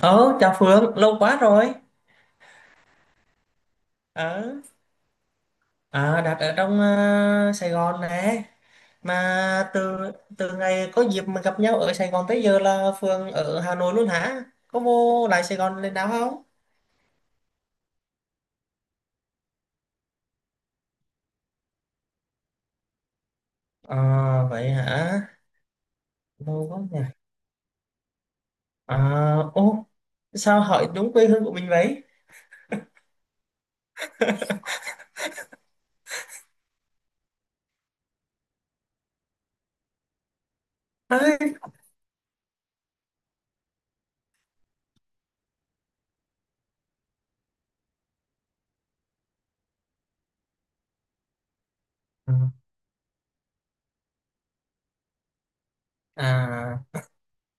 Ờ, Chào Phương, lâu quá rồi. Ờ, Đặt ở trong Sài Gòn nè. Mà từ từ ngày có dịp mà gặp nhau ở Sài Gòn tới giờ là Phương ở Hà Nội luôn hả? Có vô lại Sài Gòn lên nào không? À, vậy hả? Lâu quá nhỉ. À, ô, sao hỏi đúng quê hương của mình vậy? À, à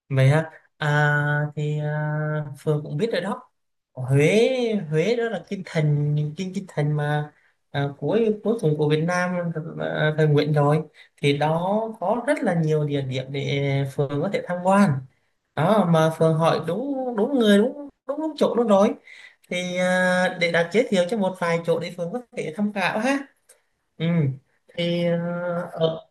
Vậy hả? À, Phương cũng biết rồi đó. Huế Huế đó là kinh thành, kinh kinh thành mà cuối cuối cùng của Việt Nam, thời Nguyễn rồi, thì đó có rất là nhiều địa điểm để Phương có thể tham quan. Đó, mà Phương hỏi đúng đúng người, đúng đúng đúng chỗ luôn rồi. Thì để đặt giới thiệu cho một vài chỗ để Phương có thể tham khảo ha. Ừ. Thì à, ở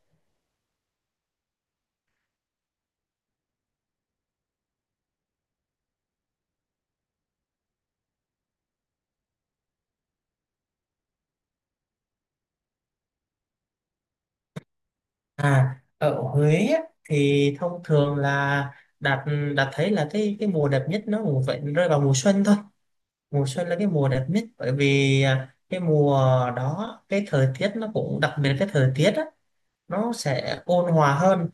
À, Ở Huế á, thì thông thường là đạt đạt thấy là cái mùa đẹp nhất nó cũng vậy, rơi vào mùa xuân thôi. Mùa xuân là cái mùa đẹp nhất, bởi vì cái mùa đó cái thời tiết nó cũng đặc biệt, cái thời tiết á, nó sẽ ôn hòa hơn.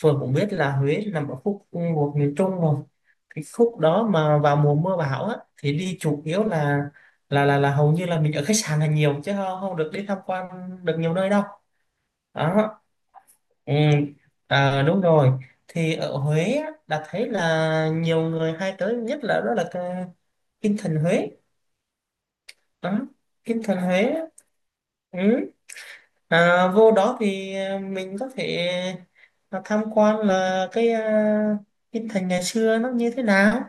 Phường cũng biết là Huế nằm ở khúc thuộc miền Trung rồi. Cái khúc đó mà vào mùa mưa bão á, thì đi chủ yếu là hầu như là mình ở khách sạn là nhiều, chứ không, không được đi tham quan được nhiều nơi đâu. Đó. Ừ, đúng rồi, thì ở Huế á, đã thấy là nhiều người hay tới nhất, là đó là cái Kinh Thành Huế đó. Kinh Thành Huế á. Ừ. Vô đó thì mình có thể tham quan là cái, Kinh Thành ngày xưa nó như thế nào,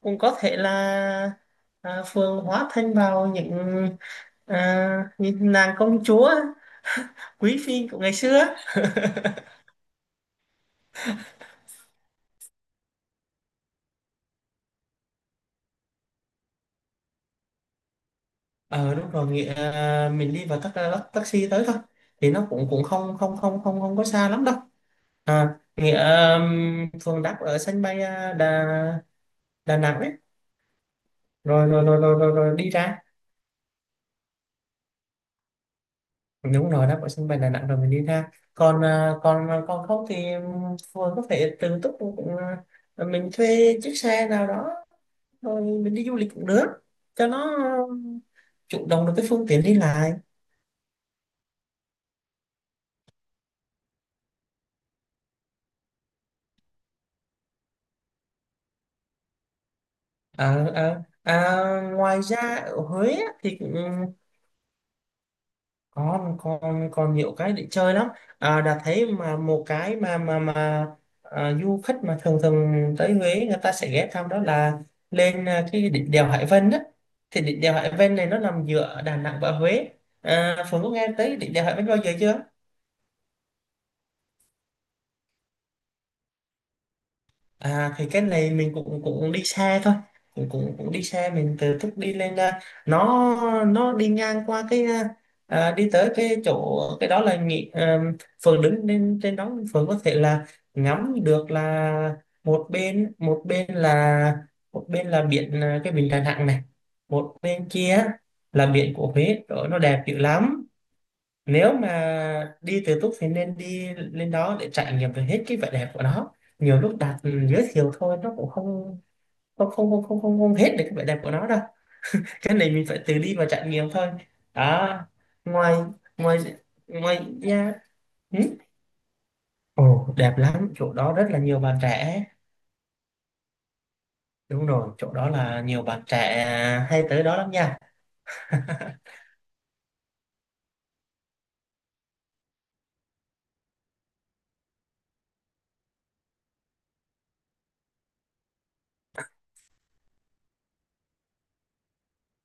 cũng có thể là phường hóa thân vào những, những nàng công chúa, quý phi của ngày xưa. Ờ Đúng rồi, mình đi vào tắc, tắc- taxi tới thôi, thì nó cũng cũng không không không không không có xa lắm đâu. À, nghĩa Phường đáp ở sân bay Đà Đà Nẵng ấy, rồi rồi rồi rồi rồi, rồi đi ra. Đúng rồi, đáp ở sân bay Đà Nẵng rồi mình đi ra, còn còn à, còn không thì phường có thể tự túc cũng, mình thuê chiếc xe nào đó rồi mình đi du lịch cũng được, cho nó um, chủ động được cái phương tiện đi lại. Ngoài ra ở Huế á, thì cũng còn, còn nhiều cái để chơi lắm. Đã thấy mà một cái mà mà du khách mà thường thường tới Huế, người ta sẽ ghé thăm, đó là lên cái đỉnh đèo Hải Vân đó. Thì đỉnh đèo Hải Vân này nó nằm giữa Đà Nẵng và Huế. À, Phương có nghe tới đỉnh đèo Hải Vân bao giờ chưa? À, thì cái này mình cũng cũng đi xe thôi, cũng cũng cũng đi xe mình từ thức đi lên, nó đi ngang qua cái, đi tới cái chỗ, cái đó là nghị, phường đứng lên trên đó, phường có thể là ngắm được là một bên, một bên là biển, cái biển Đà Nẵng này, một bên kia là biển của Huế đó, nó đẹp dữ lắm. Nếu mà đi tự túc thì nên đi lên đó để trải nghiệm được hết cái vẻ đẹp của nó. Nhiều lúc đạt giới thiệu thôi nó cũng không hết được cái vẻ đẹp của nó đâu, cái này mình phải tự đi và trải nghiệm thôi. Đó. Ngoài ngoài ngoài nha. Ừ? Ồ, đẹp lắm, chỗ đó rất là nhiều bạn trẻ. Đúng rồi, chỗ đó là nhiều bạn trẻ hay tới đó lắm nha.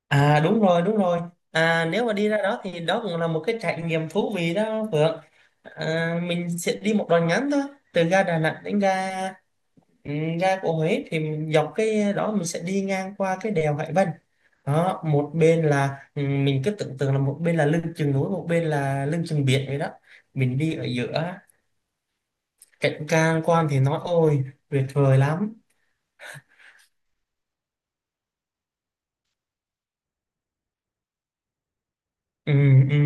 À, đúng rồi, đúng rồi. À, nếu mà đi ra đó thì đó cũng là một cái trải nghiệm thú vị đó Phượng. À, mình sẽ đi một đoạn ngắn thôi, từ ga Đà Nẵng đến ừ, ga của Huế, thì mình dọc cái đó mình sẽ đi ngang qua cái đèo Hải Vân. Đó, một bên là, mình cứ tưởng tượng là một bên là lưng chừng núi, một bên là lưng chừng biển vậy đó. Mình đi ở giữa, cảnh quan quan thì nói ôi, tuyệt vời lắm. Ừ, ừ.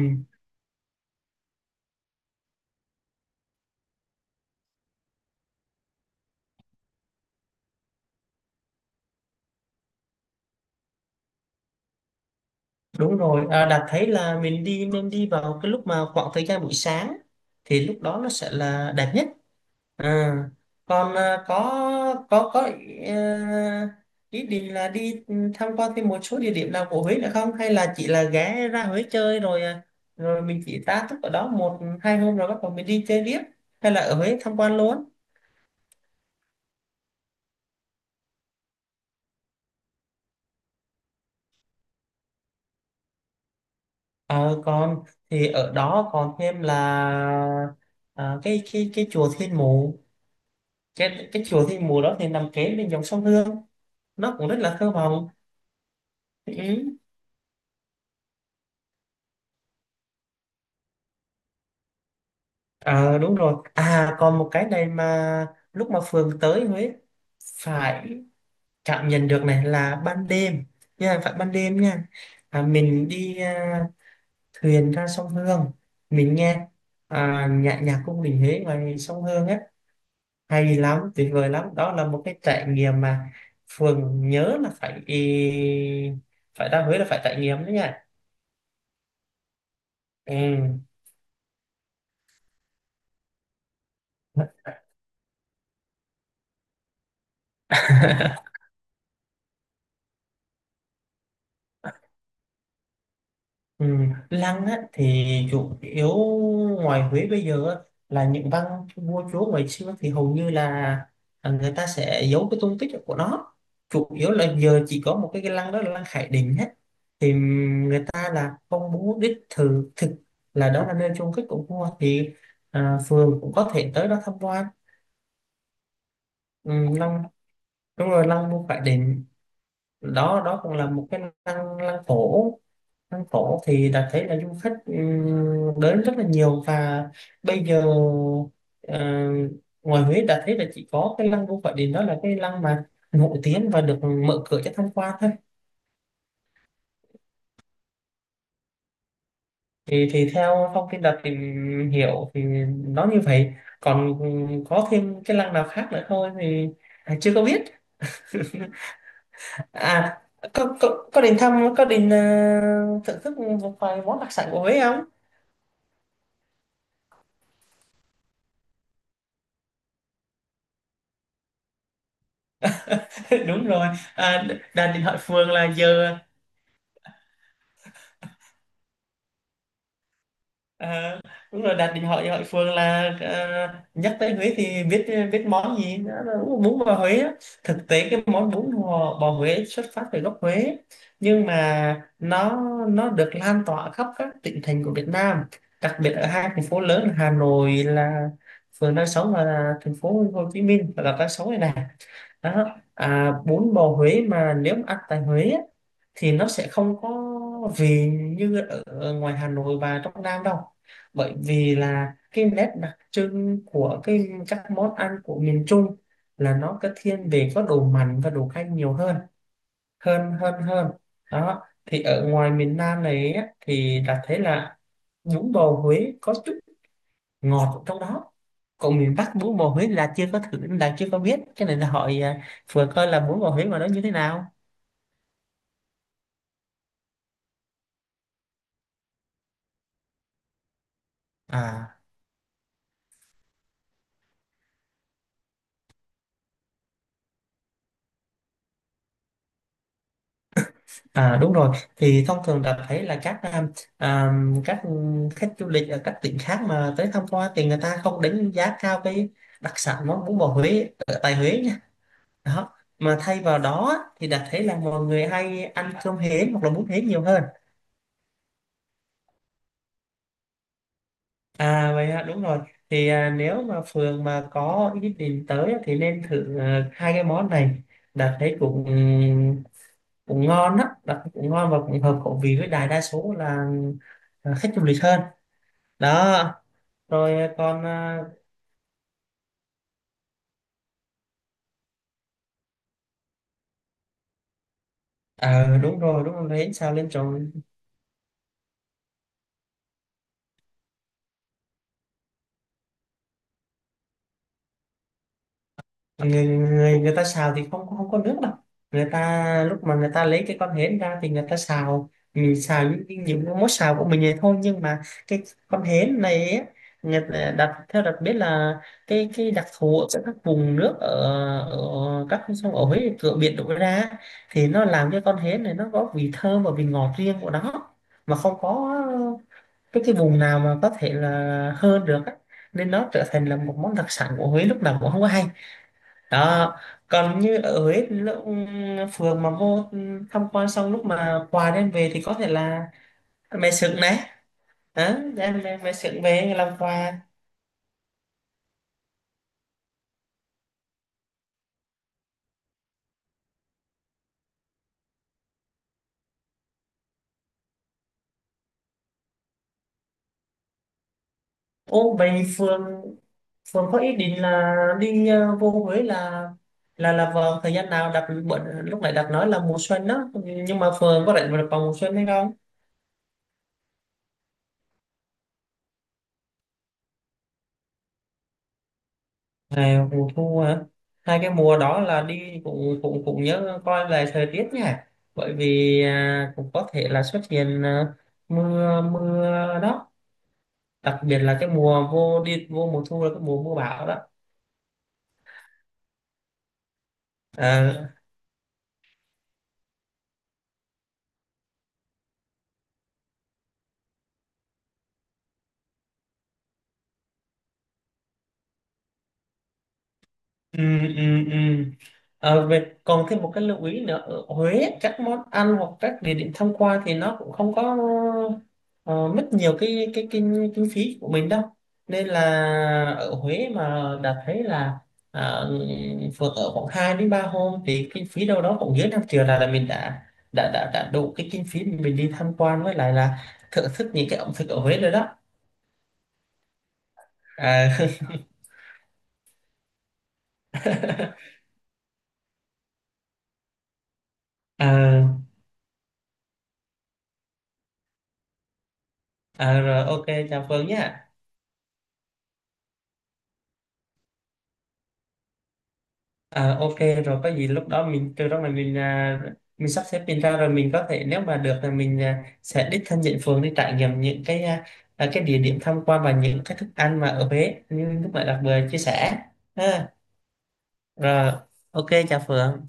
Đúng rồi, à, Đạt thấy là mình đi nên đi vào cái lúc mà khoảng thời gian buổi sáng, thì lúc đó nó sẽ là đẹp nhất. À, còn có có ý, ý định là đi tham quan thêm một số địa điểm nào của Huế nữa không? Hay là chỉ là ghé ra Huế chơi rồi rồi mình chỉ tá túc ở đó 1 2 hôm rồi bắt đầu mình đi chơi tiếp, hay là ở Huế tham quan luôn? Ờ, còn thì ở đó còn thêm là, cái cái chùa Thiên Mụ. Cái chùa Thiên Mùa đó thì nằm kế bên dòng sông Hương, nó cũng rất là thơ mộng. Ừ. À, đúng rồi, à còn một cái này mà lúc mà Phường tới Huế phải cảm nhận được, này là ban đêm nha, phải ban đêm nha, mình đi thuyền ra sông Hương, mình nghe nhạc nhạc cung đình Huế ngoài sông Hương á, hay lắm, tuyệt vời lắm, đó là một cái trải nghiệm mà Phường nhớ là phải, phải ra Huế là phải trải nghiệm đấy nha. Ừ. Ừ, lăng á, thì chủ yếu ngoài Huế bây giờ á, là những văn vua chúa ngày xưa thì hầu như là người ta sẽ giấu cái tung tích của nó, chủ yếu là giờ chỉ có một cái lăng đó là lăng Khải Định hết, thì người ta là không muốn đích thực thực là đó là nơi chôn cất của vua, thì phường cũng có thể tới đó tham quan. Ừ, lăng, đúng rồi, lăng vua Khải Định, đó đó cũng là một cái lăng, cổ. Phố cổ thì đã thấy là du khách đến rất là nhiều, và bây giờ ờ, ngoài Huế đã thấy là chỉ có cái lăng Vua Khải Định, đó là cái lăng mà nổi tiếng và được mở cửa cho tham quan thôi. Thì theo thông tin đã tìm hiểu thì nó như vậy, còn có thêm cái lăng nào khác nữa thôi thì chưa có biết. À, có đến thăm, có đến thưởng thức một vài món đặc sản của Huế không? Đúng rồi, đang định hỏi phường là giờ, à, đúng rồi, đạt điện hỏi hỏi Phương là, à, nhắc tới Huế thì biết biết món gì nữa là bún bún bò Huế á. Thực tế cái món bò Huế xuất phát từ gốc Huế, nhưng mà nó được lan tỏa khắp các tỉnh thành của Việt Nam, đặc biệt ở hai thành phố lớn là Hà Nội, là Phương đang sống, và là thành phố Hồ Chí Minh và là đang sống này này. Đó, à, bún bò Huế mà nếu mà ăn tại Huế á, thì nó sẽ không có vị như ở, ngoài Hà Nội và trong Nam đâu, bởi vì là cái nét đặc trưng của cái các món ăn của miền Trung là nó có thiên về có đồ mặn và đồ canh nhiều hơn hơn hơn hơn. Đó, thì ở ngoài miền Nam này á, thì đã thấy là bún bò Huế có chút ngọt ở trong đó, còn miền Bắc bún bò Huế là chưa có thử, là chưa có biết cái này là hỏi vừa coi là bún bò Huế mà nó như thế nào. à À, đúng rồi, thì thông thường đã thấy là à, các khách du lịch ở các tỉnh khác mà tới tham quan, thì người ta không đánh giá cao cái đặc sản món bún bò Huế ở tại Huế nha. Đó, mà thay vào đó thì đã thấy là mọi người hay ăn cơm hến hoặc là bún hến nhiều hơn. À, vậy ạ, đúng rồi. Thì à, nếu mà Phường mà có ý định tới á, thì nên thử hai cái món này. Đặt thấy cũng cũng ngon á, đặt thấy cũng ngon và cũng hợp khẩu vị với đại đa số là khách du lịch hơn. Đó, rồi, đúng rồi, đúng rồi, đấy sao lên tròn. Người ta xào thì không không có nước đâu, người ta lúc mà người ta lấy cái con hến ra thì người ta xào, mình xào những cái món xào của mình này thôi, nhưng mà cái con hến này ấy, người ta đặt theo đặt biết là cái đặc thù ở các vùng nước ở, ở các con sông ở Huế cửa biển đổ ra, thì nó làm cho con hến này nó có vị thơm và vị ngọt riêng của nó, mà không có cái vùng nào mà có thể là hơn được á. Nên nó trở thành là một món đặc sản của Huế, lúc nào cũng không có hay. Đó, còn như ở Huế thì lúc phường mà vô tham quan xong, lúc mà quà đem về thì có thể là mè sừng này. Đó, đem mè sừng về làm quà. Ô, vậy phường phường có ý định là đi vô Huế là, vào thời gian nào? Lúc nãy đặt nói là mùa xuân đó, nhưng mà phường có rảnh vào vào mùa xuân hay không? Ngày mùa thu hả? Hai cái mùa đó là đi cũng cũng cũng nhớ coi lại thời tiết nha, bởi vì cũng có thể là xuất hiện mưa mưa. Đó, đặc biệt là cái mùa vô, đi vô mùa thu là cái mùa mưa bão đó. À, ừ, ừ, ừ. Ờ, về, còn thêm một cái lưu ý nữa, ở Huế các món ăn hoặc các địa điểm tham quan thì nó cũng không có ờ, mất nhiều cái kinh kinh phí của mình đâu, nên là ở Huế mà đã thấy là ờ, phượt ở khoảng 2 đến 3 hôm thì kinh phí đâu đó cũng dưới 5 triệu, là mình đã đủ cái kinh phí mình đi tham quan, với lại là thưởng thức những cái ẩm thực ở Huế rồi đó. à, à, Rồi, ok, chào Phương nhé. À, ok, rồi có gì lúc đó mình từ đó là mình mình sắp xếp mình ra, rồi mình có thể nếu mà được là mình sẽ đích thân nhận phường đi trải nghiệm những cái, cái địa điểm tham quan và những cái thức ăn mà ở Huế như lúc nãy đặc biệt chia sẻ ha. Rồi, ok, chào Phượng.